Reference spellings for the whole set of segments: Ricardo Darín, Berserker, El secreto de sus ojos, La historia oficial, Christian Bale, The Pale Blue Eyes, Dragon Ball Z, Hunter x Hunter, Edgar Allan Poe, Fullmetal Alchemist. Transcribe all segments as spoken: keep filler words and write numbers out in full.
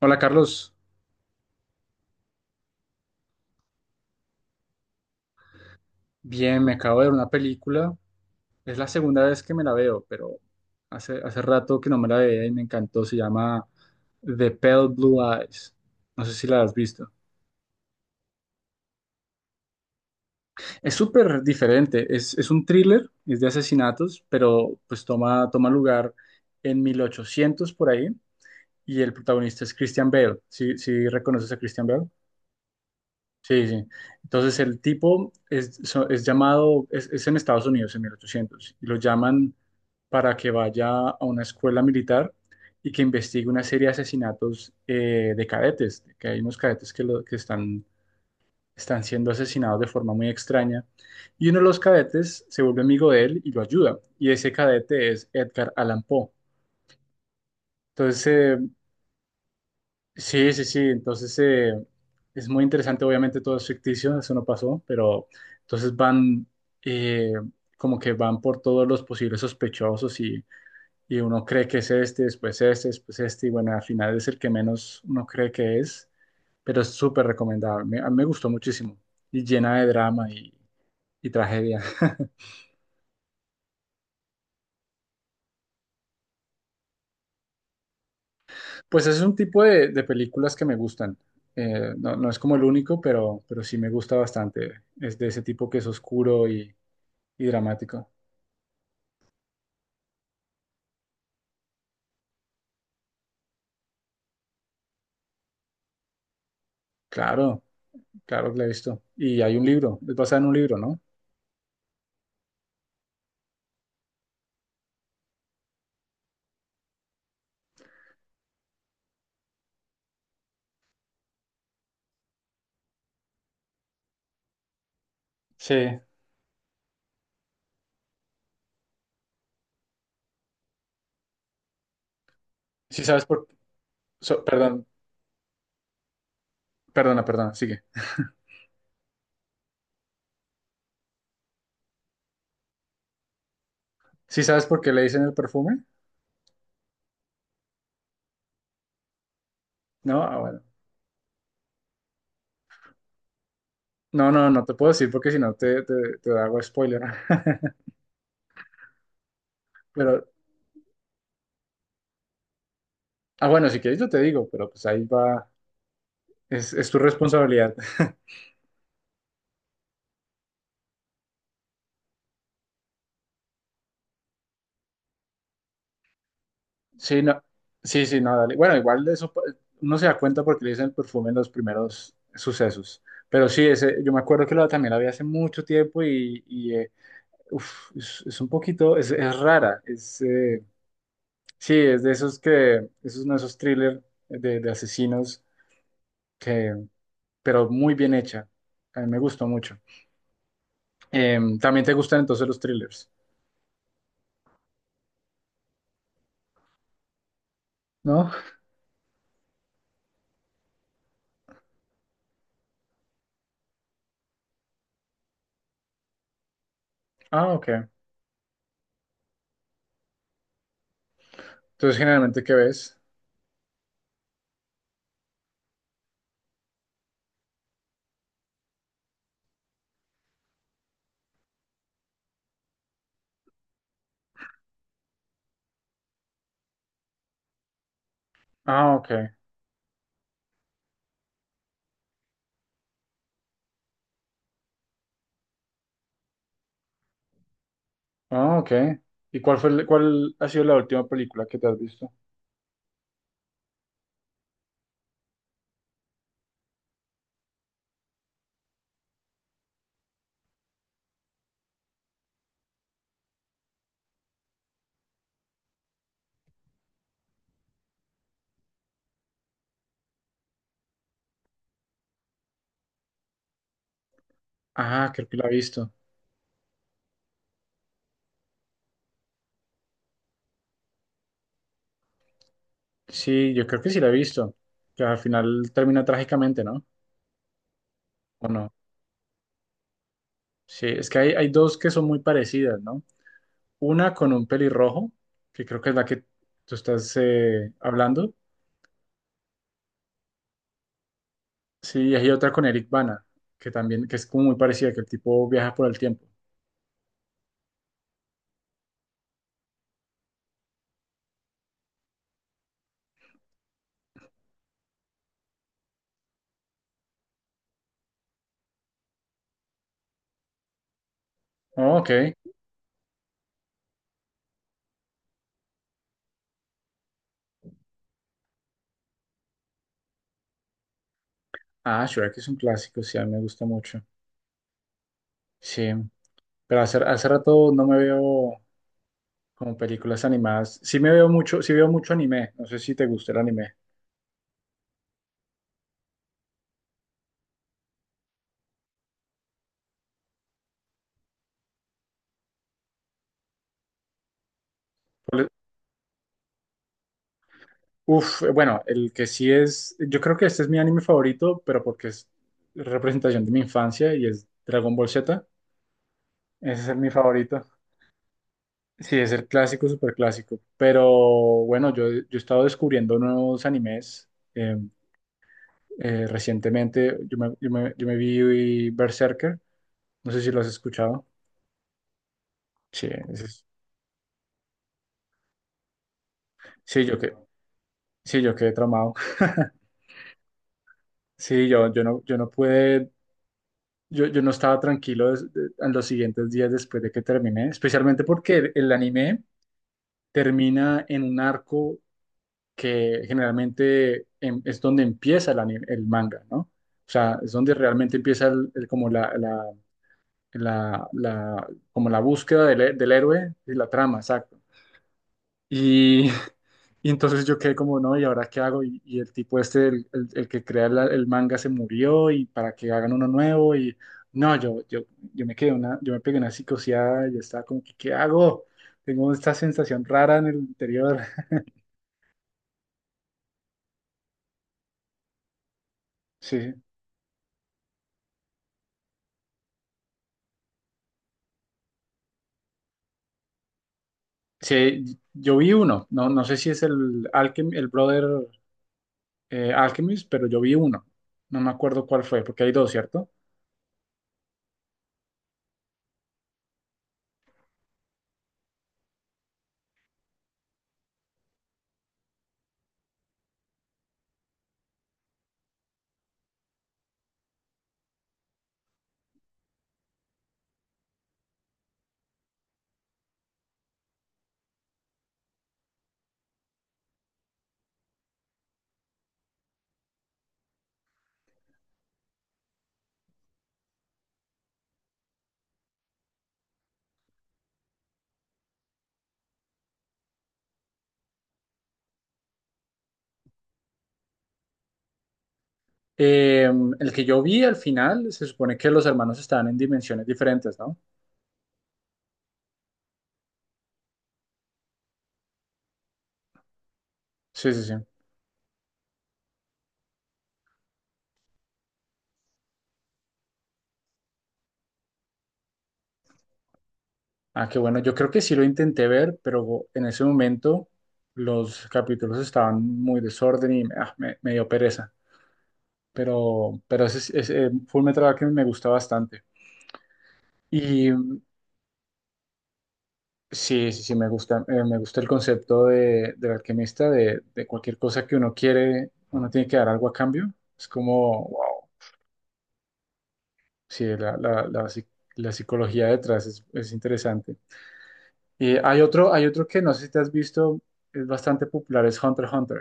Hola Carlos, bien, me acabo de ver una película. Es la segunda vez que me la veo, pero hace, hace rato que no me la veía y me encantó. Se llama The Pale Blue Eyes. No sé si la has visto. Es súper diferente. Es, es un thriller, es de asesinatos, pero pues toma, toma lugar en mil ochocientos por ahí. Y el protagonista es Christian Bale. ¿Sí, sí reconoces a Christian Bale? Sí, sí. Entonces el tipo es, so- es llamado, es, es en Estados Unidos en mil ochocientos y lo llaman para que vaya a una escuela militar y que investigue una serie de asesinatos eh, de cadetes, que hay unos cadetes que, lo- que están, están, siendo asesinados de forma muy extraña, y uno de los cadetes se vuelve amigo de él y lo ayuda, y ese cadete es Edgar Allan Poe. Entonces, eh, sí, sí, sí. Entonces eh, es muy interesante, obviamente todo es ficticio, eso no pasó, pero entonces van eh, como que van por todos los posibles sospechosos y, y, uno cree que es este, después este, después este, y bueno, al final es el que menos uno cree que es, pero es súper recomendable. Me- a mí me gustó muchísimo y llena de drama y, y, tragedia. Pues es un tipo de, de películas que me gustan. Eh, no, no es como el único, pero, pero sí me gusta bastante. Es de ese tipo que es oscuro y dramático. Claro, claro que la he visto. Y hay un libro, es basada en un libro, ¿no? Sí. Sí sabes por... so- perdón, perdona, perdona, sigue. ¿Sí sabes por qué le dicen el perfume? No, ah, bueno. No, no, no te puedo decir porque si no te, te, te hago spoiler. Pero, ah, bueno, si quieres yo te digo, pero pues ahí va, es, es tu responsabilidad. Sí, no, sí, sí, no, dale. Bueno, igual de eso pa- uno se da cuenta porque le dicen el perfume en los primeros sucesos. Pero sí, ese, yo me acuerdo que lo, también lo había hace mucho tiempo y, Uf, es, es un poquito, es, es rara. Es, eh, sí, es de esos que, es uno de esos thrillers de, de asesinos que, pero muy bien hecha. A mí me gustó mucho. Em, también te gustan entonces los thrillers, ¿no? Ah, ok. Entonces, generalmente, ¿qué ves? Ah, ok. Ah, ok. ¿Y cuál fue, el- cuál ha sido la última película que te has visto? Ah, creo que la he visto. Sí, yo creo que sí la he visto. Que al final termina trágicamente, ¿no? ¿O no? Sí, es que hay, hay dos que son muy parecidas, ¿no? Una con un pelirrojo, que creo que es la que tú estás eh, hablando. Sí, y hay otra con Eric Bana, que también, que es como muy parecida, que el tipo viaja por el tiempo. Oh, ok. Ah, Shrek es un clásico, sí, a mí me gusta mucho. Sí, pero hace, hace rato no me veo como películas animadas. Sí me veo mucho, sí veo mucho anime. No sé si te gusta el anime. Por- e, Uf, eh, bueno, el que sí es, yo creo que este es mi anime favorito, pero porque es representación de mi infancia y es Dragon Ball Z. Ese es el- mi favorito. Sí, es el clásico, súper clásico. Pero bueno, yo, yo he estado descubriendo nuevos animes. eh, eh, recientemente yo me, yo me- yo me vi Berserker. No sé si lo has escuchado. Sí, ese es- sí, yo que, sí, yo quedé traumado. Sí, yo, yo no, yo no pude, yo, yo no estaba tranquilo des- de- en los siguientes días después de que terminé, especialmente porque el, el anime termina en un arco que generalmente em- es donde empieza el, ani- el manga, ¿no? O sea, es donde realmente empieza el- el- como la, la, la- la- como la búsqueda del, del héroe y la trama, exacto. Y, y, entonces yo quedé como, no, ¿y ahora qué hago? Y, y el tipo este, el, el- el que crea la- el manga se murió y para que hagan uno nuevo y no, yo, yo, yo me quedé una, yo me pegué una psicoseada y estaba como, ¿qué, qué hago? Tengo esta sensación rara en el interior. Sí. Sí, yo vi uno, no, no sé si es el, Alchem- el Brother eh, Alchemist, pero yo vi uno. No me acuerdo cuál fue, porque hay dos, ¿cierto? Eh, el que yo vi al final, se supone que los hermanos estaban en dimensiones diferentes, ¿no? Sí, sí, sí. Ah, qué bueno, yo creo que sí lo intenté ver, pero en ese momento los capítulos estaban muy desorden y ah, me, me dio pereza. Pero, pero ese, ese Fullmetal Alchemist me gusta bastante. Sí, sí, sí, me gusta, eh, me gusta el concepto de, del alquimista, de, de cualquier cosa que uno quiere, uno tiene que dar algo a cambio. Es como, wow, sí, la, la, la, psi- la psicología detrás es, es interesante. Y hay otro, hay otro que no sé si te has visto, es bastante popular, es Hunter x Hunter.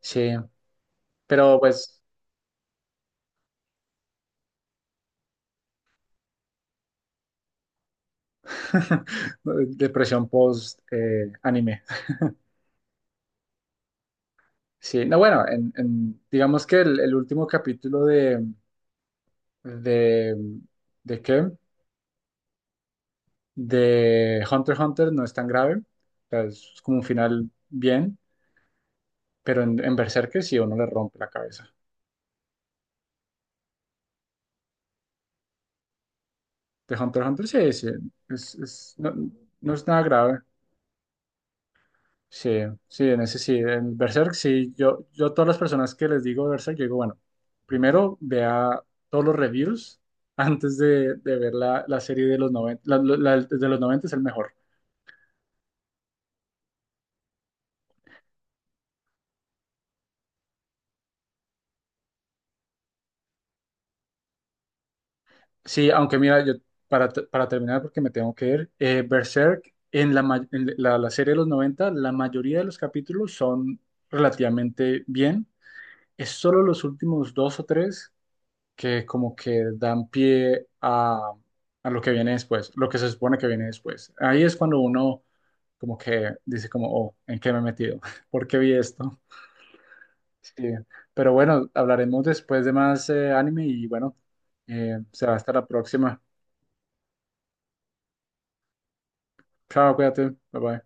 Sí, pero pues, depresión post eh, anime. Sí, no, bueno, en, en- digamos que el, el último capítulo de, de, ¿de qué? De Hunter x Hunter no es tan grave, o sea, es como un final bien, pero en, en Berserker sí uno le rompe la cabeza. De Hunter x Hunter sí, sí, es, es- no, no es nada grave. Sí, sí, en ese sí, en Berserk sí, yo, yo a todas las personas que les digo Berserk, yo digo, bueno, primero vea todos los reviews antes de, de ver la, la serie de los noventa la, la- la de los noventa es el mejor. Sí, aunque mira, yo para, t- para terminar, porque me tengo que ir, eh, Berserk, en, la, ma- en la, la serie de los noventa, la mayoría de los capítulos son relativamente bien. Es solo los últimos dos o tres que como que dan pie a, a lo que viene después, lo que se supone que viene después. Ahí es cuando uno como que dice como, oh, ¿en qué me he metido? ¿Por qué vi esto? Sí, pero bueno, hablaremos después de más eh, anime y bueno, eh, será hasta la próxima. Chao, cuídate. Bye bye.